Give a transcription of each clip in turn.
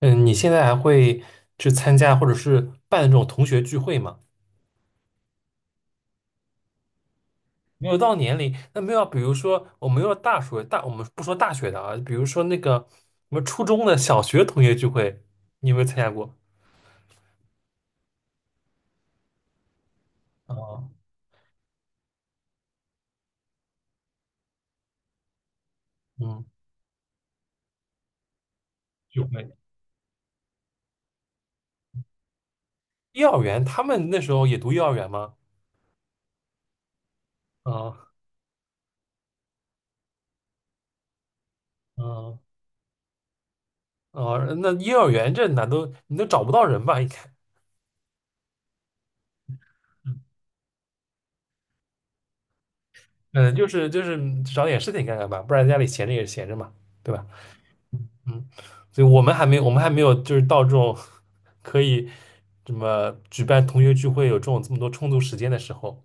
嗯，你现在还会去参加或者是办这种同学聚会吗？没有到年龄，那没有，比如说我们要大学大，我们不说大学的啊，比如说那个我们初中的、小学同学聚会，你有没有参加过？啊，嗯，聚会。幼儿园，他们那时候也读幼儿园吗？啊，啊，哦，那幼儿园这哪都你都找不到人吧？应该，嗯，就是找点事情干干吧，不然家里闲着也是闲着嘛，对吧？嗯，所以我们还没有就是到这种 可以什么举办同学聚会有这种这么多充足时间的时候。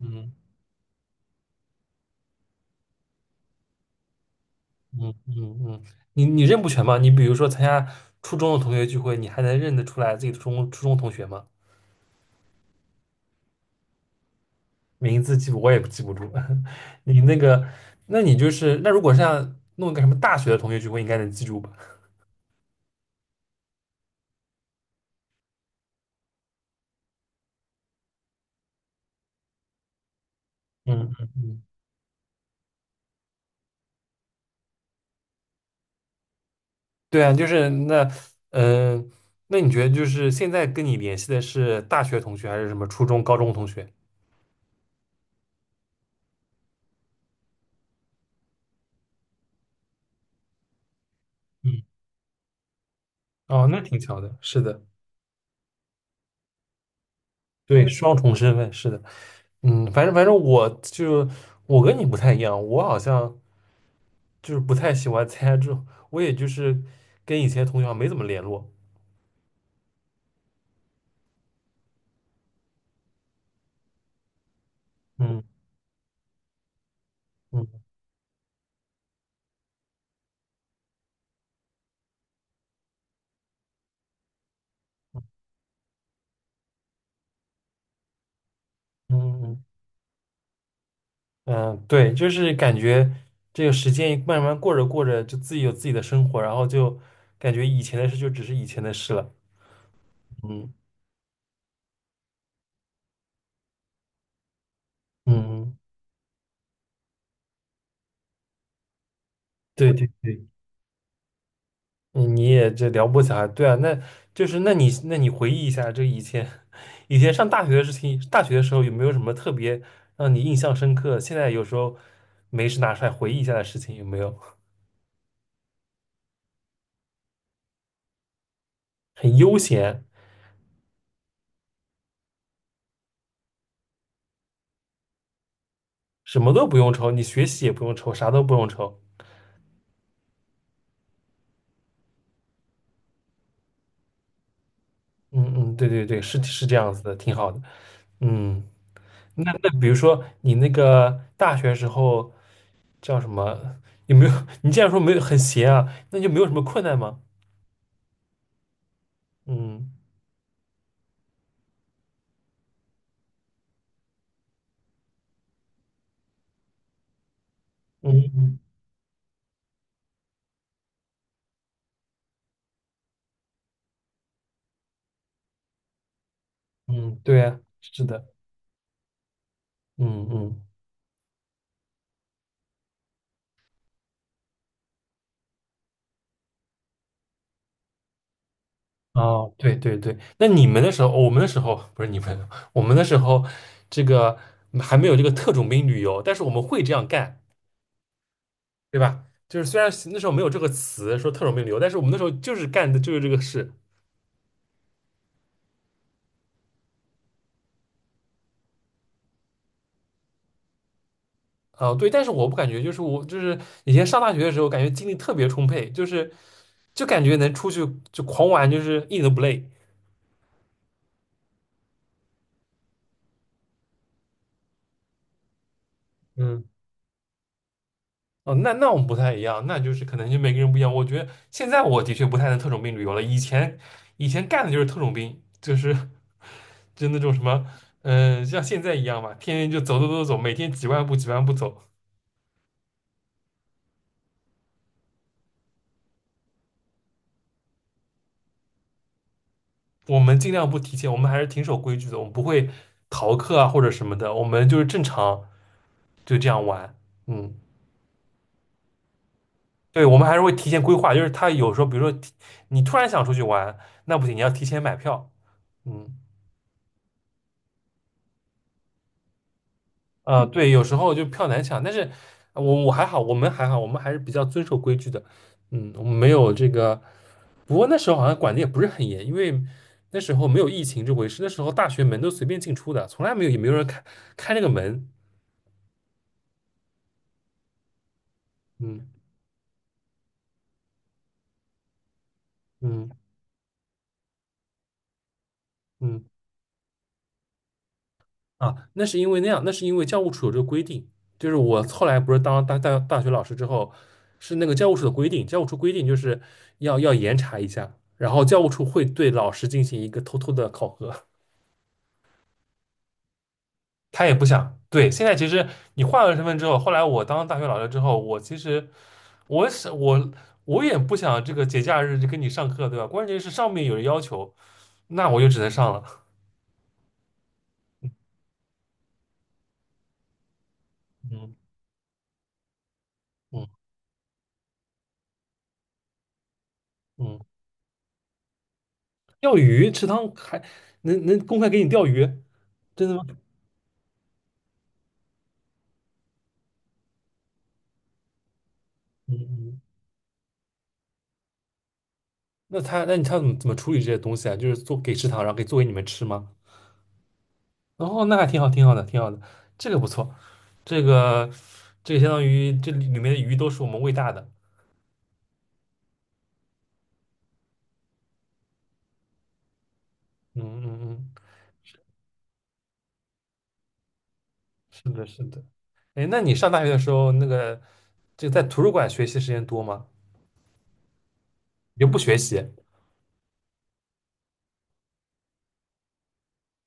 嗯嗯嗯嗯，你你认不全吗？你比如说参加初中的同学聚会，你还能认得出来自己的初中同学吗？名字记不我也记不住。你那个，那你就是那如果是要弄个什么大学的同学聚会，应该能记住吧？嗯嗯嗯对啊，就是那，嗯、那你觉得就是现在跟你联系的是大学同学还是什么初中、高中同学？嗯，哦，那挺巧的，是的，对，双重身份，是的，嗯，反正我就我跟你不太一样，我好像就是不太喜欢参加这种，我也就是跟以前同学好像没怎么联络，嗯嗯嗯嗯嗯，对，就是感觉这个时间慢慢过着过着，就自己有自己的生活，然后就感觉以前的事就只是以前的事了，嗯。嗯，对对对，嗯你也这撩拨小孩，对啊，那就是那你那你回忆一下，这以前 以前上大学的事情，大学的时候有没有什么特别让你印象深刻？现在有时候没事拿出来回忆一下的事情，有没有很悠闲，什么都不用愁，你学习也不用愁，啥都不用愁。嗯嗯，对对对，是是这样子的，挺好的。嗯，那那比如说你那个大学时候叫什么？有没有？你既然说没有很闲啊，那就没有什么困难吗？嗯嗯嗯，嗯，对啊，是的，嗯嗯，哦，对对对，那你们的时候，哦我们的时候不是你们，我们的时候，这个还没有这个特种兵旅游，但是我们会这样干，对吧？就是虽然那时候没有这个词说特种兵旅游，但是我们那时候就是干的就是这个事。啊、对，但是我不感觉，就是我就是以前上大学的时候，感觉精力特别充沛，就是就感觉能出去就狂玩，就是一点都不累。哦，那那我们不太一样，那就是可能就每个人不一样。我觉得现在我的确不太能特种兵旅游了，以前以前干的就是特种兵，就是就那种什么，嗯、像现在一样嘛，天天就走走走走，每天几万步几万步走。我们尽量不提前，我们还是挺守规矩的，我们不会逃课啊或者什么的，我们就是正常就这样玩。嗯，对，我们还是会提前规划，就是他有时候比如说提你突然想出去玩，那不行，你要提前买票。嗯。啊，对，有时候就票难抢，但是我我还好，我们还好，我们还是比较遵守规矩的。嗯，我们没有这个，不过那时候好像管的也不是很严，因为那时候没有疫情这回事，那时候大学门都随便进出的，从来没有也没有人开开那个门。嗯嗯嗯，啊，那是因为那样，那是因为教务处有这个规定，就是我后来不是当大大大学老师之后，是那个教务处的规定，教务处规定就是要要严查一下，然后教务处会对老师进行一个偷偷的考核。他也不想。对，现在其实你换了身份之后，后来我当大学老师之后，我其实我是我我也不想这个节假日就跟你上课，对吧？关键是上面有人要求，那我就只能上了。嗯嗯嗯，钓鱼池塘还能能公开给你钓鱼，真的吗？嗯嗯，那他那你他怎么怎么处理这些东西啊？就是做给池塘，然后给做给你们吃吗？哦，那还挺好，挺好的，挺好的，这个不错，这个这个相当于这里里面的鱼都是我们喂大的。嗯嗯嗯，是的，是的。哎，那你上大学的时候，那个就在图书馆学习时间多吗？你就不学习？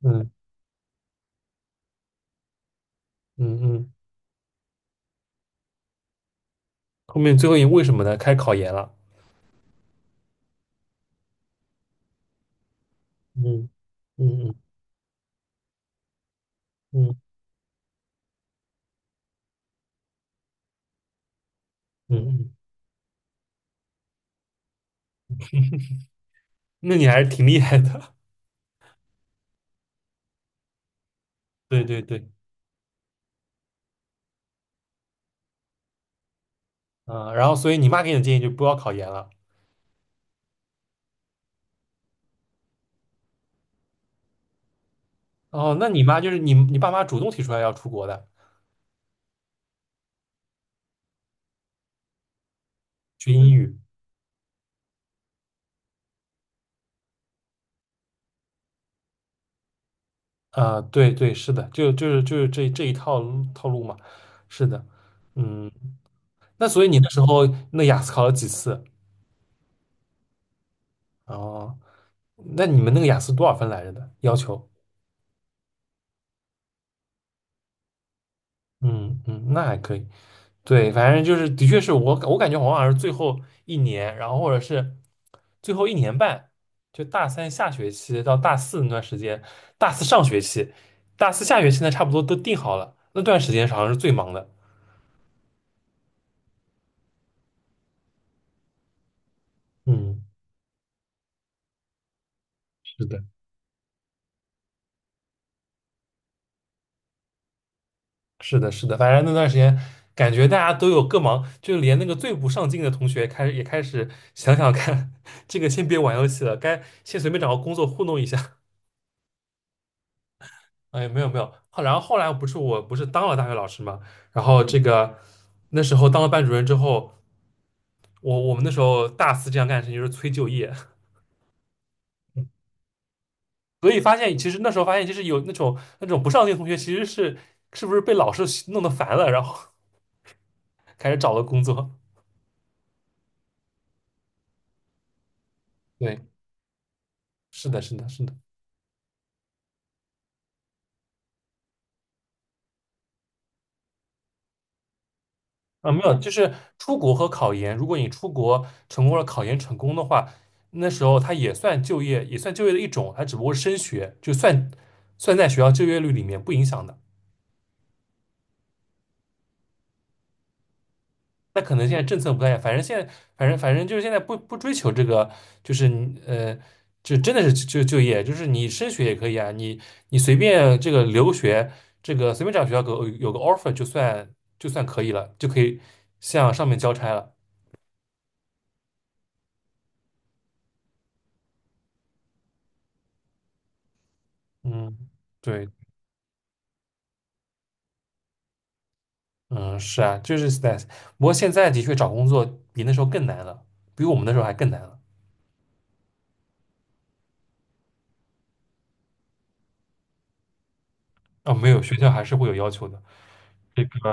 嗯嗯嗯。后面最后因为什么呢？开始考研了。嗯嗯嗯嗯嗯嗯。那你还是挺厉害的。对对对。啊，然后所以你妈给你的建议就不要考研了。哦，那你妈就是你你爸妈主动提出来要出国的，学英语。啊、对对，是的，就是这这一套路套路嘛。是的。嗯。那所以你那时候那雅思考了几次？哦，那你们那个雅思多少分来着的要求？嗯嗯，那还可以。对，反正就是的确是我我感觉我好像是最后一年，然后或者是最后一年半，就大三下学期到大四那段时间，大四上学期，大四下学期呢，差不多都定好了。那段时间好像是最忙的。嗯，是的。是的，是的，反正那段时间感觉大家都有各忙，就连那个最不上进的同学开始也开始想想看，这个先别玩游戏了，该先随便找个工作糊弄一下。哎，没有没有，后然后后来不是我不是当了大学老师嘛，然后这个那时候当了班主任之后，我我们那时候大四这样干的事情就是催就业，所以发现其实那时候发现就是有那种那种不上进的同学其实是是不是被老师弄得烦了，然后 开始找了工作。对，是的，是的，是的。啊，没有，就是出国和考研。如果你出国成功了，考研成功的话，那时候它也算就业，也算就业的一种，它只不过是升学，就算算在学校就业率里面不影响的。那可能现在政策不太反正现在，反正就是现在不追求这个，就是你就真的是就就业，就是你升学也可以啊，你你随便这个留学，这个随便找学校给我有个 offer 就算就算可以了，就可以向上面交差了。嗯，对。嗯，是啊，就是 stress。不过现在的确找工作比那时候更难了，比我们那时候还更难了。啊、没有，学校还是会有要求的。这个，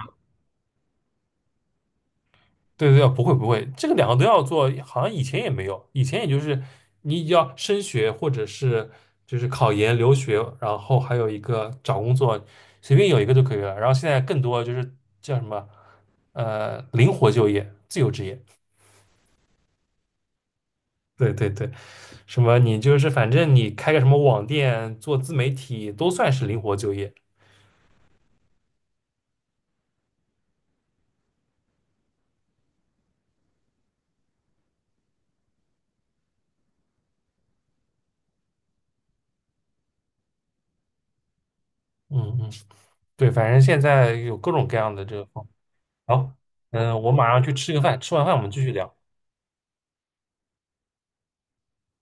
对对对，不会不会，这个两个都要做，好像以前也没有，以前也就是你要升学或者是就是考研、留学，然后还有一个找工作，随便有一个就可以了。然后现在更多就是叫什么灵活就业、自由职业。对对对，什么你就是反正你开个什么网店、做自媒体都算是灵活就业。嗯嗯，对，反正现在有各种各样的这个方。好，嗯，我马上去吃个饭，吃完饭我们继续聊。